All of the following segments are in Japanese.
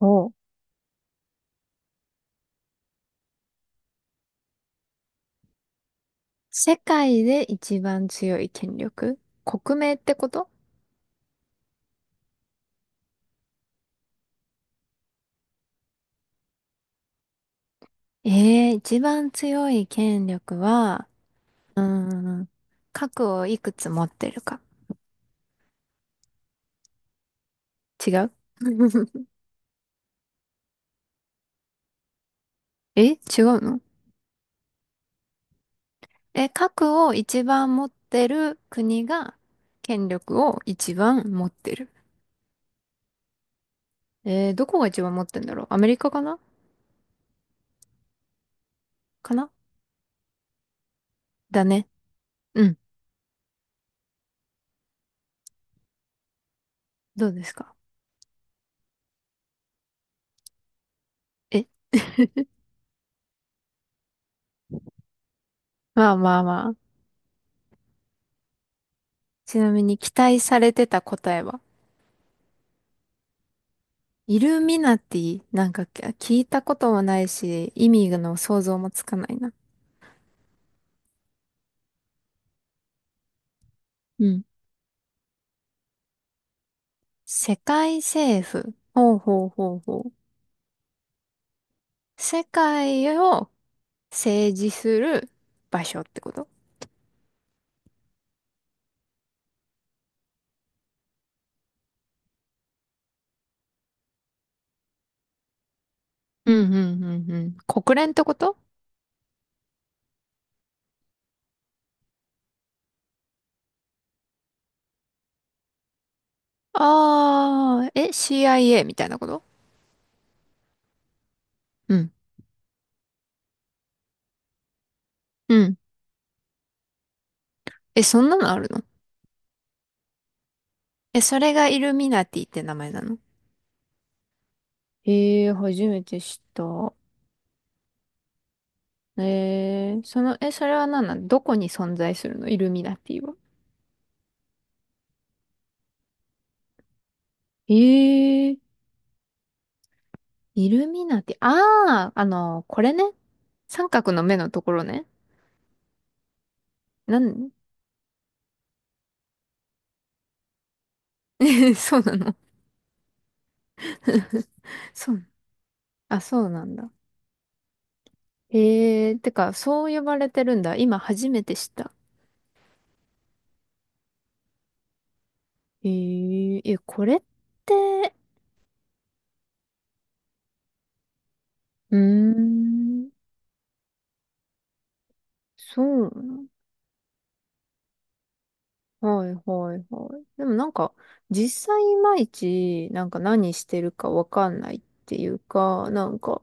お、世界で一番強い権力、国名ってこと？ええー、一番強い権力は、うーん、核をいくつ持ってるか。違う。 え、違うの？え、核を一番持ってる国が権力を一番持ってる。えー、どこが一番持ってんだろう。アメリカかな。かな。だね。うん。どうですか？え。 まあまあまあ。ちなみに期待されてた答えは、イルミナティ、なんか聞いたこともないし、意味の想像もつかないな。うん。世界政府。ほうほうほうほう。世界を政治する場所ってこと？うんうんうんうん。国連ってこと？ああー、え、CIA みたいなこと？うん。うん。え、そんなのあるの？え、それがイルミナティって名前なの？ええー、初めて知った。ええー、その、え、それは何なの？どこに存在するの？イルミナティは。ええ、イルミナティ。ああ、あの、これね。三角の目のところね。なん。 そうなの？ そう。あ、そうなんだ。ええ、てか、そう呼ばれてるんだ。今初めて知った。えええ、これって、うーん、そうなの。はいはいはい。でもなんか、実際いまいち、なんか何してるかわかんないっていうか、なんか、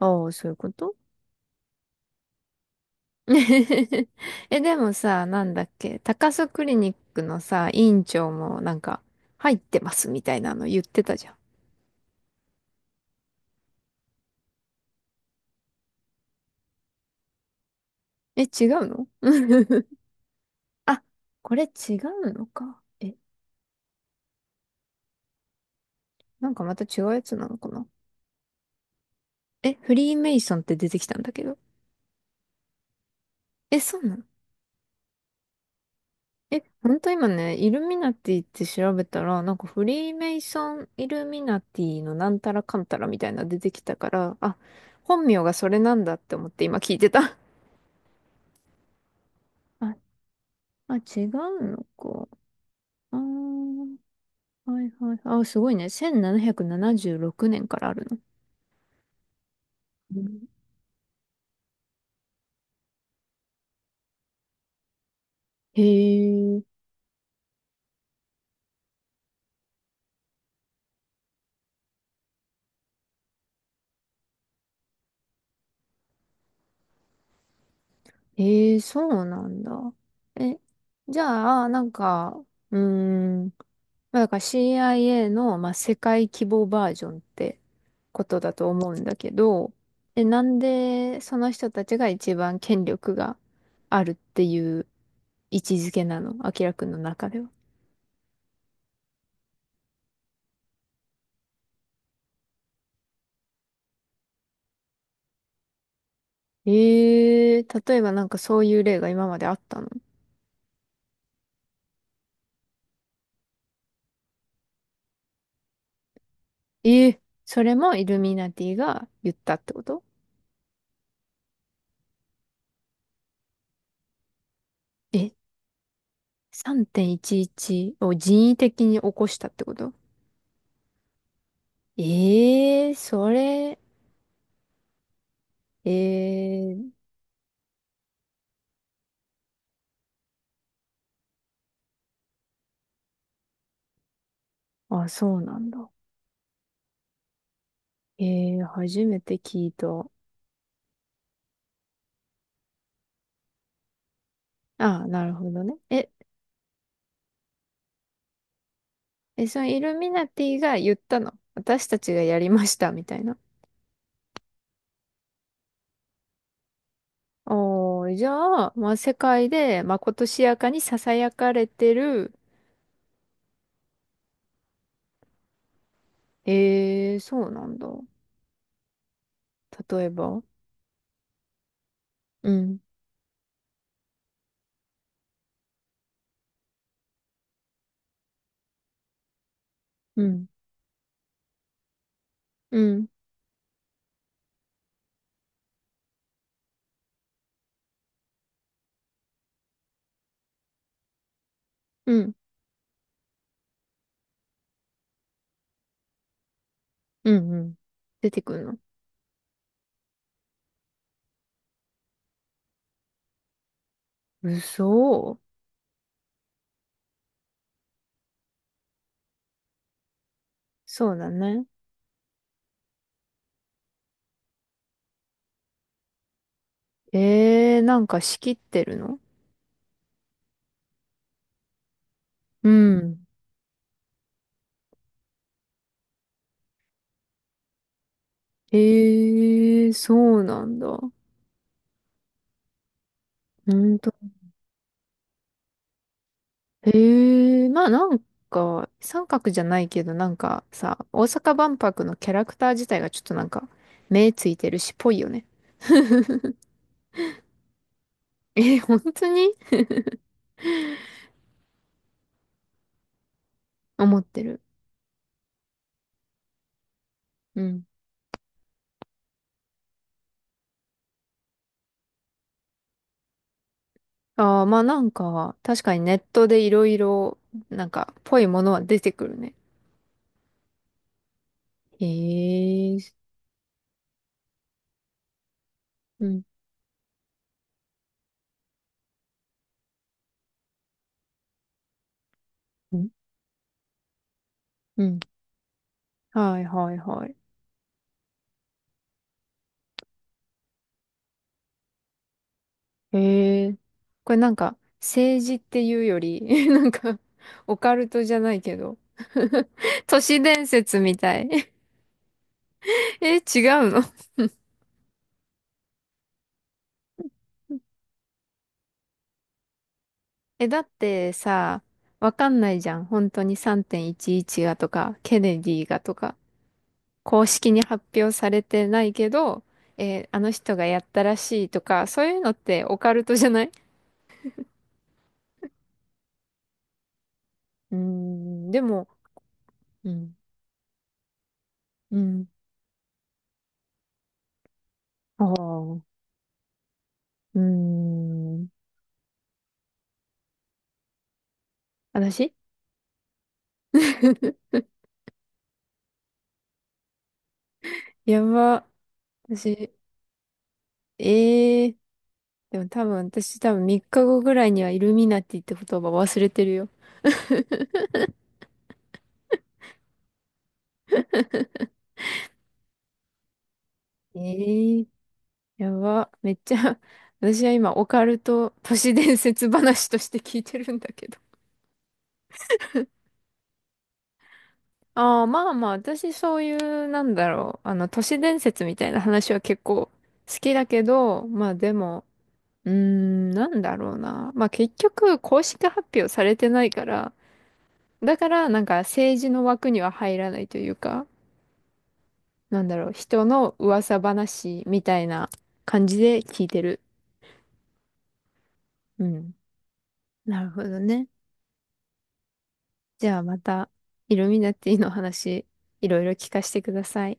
ああ、そういうこと。 え、でもさ、なんだっけ、高須クリニックのさ、院長もなんか、入ってますみたいなの言ってたじゃん。え、違うの？ あ、これ違うのか。え、なんかまた違うやつなのかな。え、フリーメイソンって出てきたんだけど。え、そうなの？え、ほんと今ね、イルミナティって調べたら、なんかフリーメイソン、イルミナティのなんたらかんたらみたいなの出てきたから、あ、本名がそれなんだって思って今聞いてた。あ、あ、違うのか。あー、はいはい。あ、すごいね。1776年からあるの。うん。へえ、へえ、そうなんだ。え、じゃあ、なんか、うーん、まあだから CIA の、まあ、世界規模バージョンってことだと思うんだけど、え、なんでその人たちが一番権力があるっていう位置づけなの？アキラくんの中では。ええ、例えばなんかそういう例が今まであったの？ええ、それもイルミナティが言ったってこと？え、3.11を人為的に起こしたってこと？ええ、それ、ええ、あ、そうなんだ。ええ、初めて聞いた。ああ、なるほどね。え、え、そのイルミナティが言ったの？私たちがやりました、みたいな。おー、じゃあ、まあ、世界でまことしやかに囁かれてる。ええ、そうなんだ。例えば。うん、うん。うんうん。うんうん。出てくるの。嘘。そうだね。えー、なんか仕切ってるの？うん。えー、そうなんだ。ほんと。えー、まあなんか、三角じゃないけど、なんかさ、大阪万博のキャラクター自体がちょっとなんか、目ついてるし、ぽいよね。えー、本当に。思ってる。うん。ああ、まあなんか、確かにネットでいろいろ、なんか、ぽいものは出てくるね。へえ。うんうん。うん。はいはいはい。へえ。これなんか、政治っていうより、なんか、オカルトじゃないけど、都市伝説みたい。え、違うの？え、だってさ、わかんないじゃん。本当に3.11がとか、ケネディがとか、公式に発表されてないけど、えーあの人がやったらしいとか、そういうのってオカルトじゃない？うーん、でも、うん、うん、ああ、うーん、私。やば。私、ええー。でも多分、私多分3日後ぐらいにはイルミナティって言葉忘れてるよ。ええー。やば。めっちゃ 私は今、オカルト都市伝説話として聞いてるんだけど。ああ、まあまあ、私そういう、なんだろう。あの、都市伝説みたいな話は結構好きだけど、まあでも、うーん、なんだろうな。まあ結局、公式発表されてないから、だから、なんか政治の枠には入らないというか、なんだろう、人の噂話みたいな感じで聞いてる。うん。なるほどね。じゃあまた、イルミナティの話、いろいろ聞かせてください。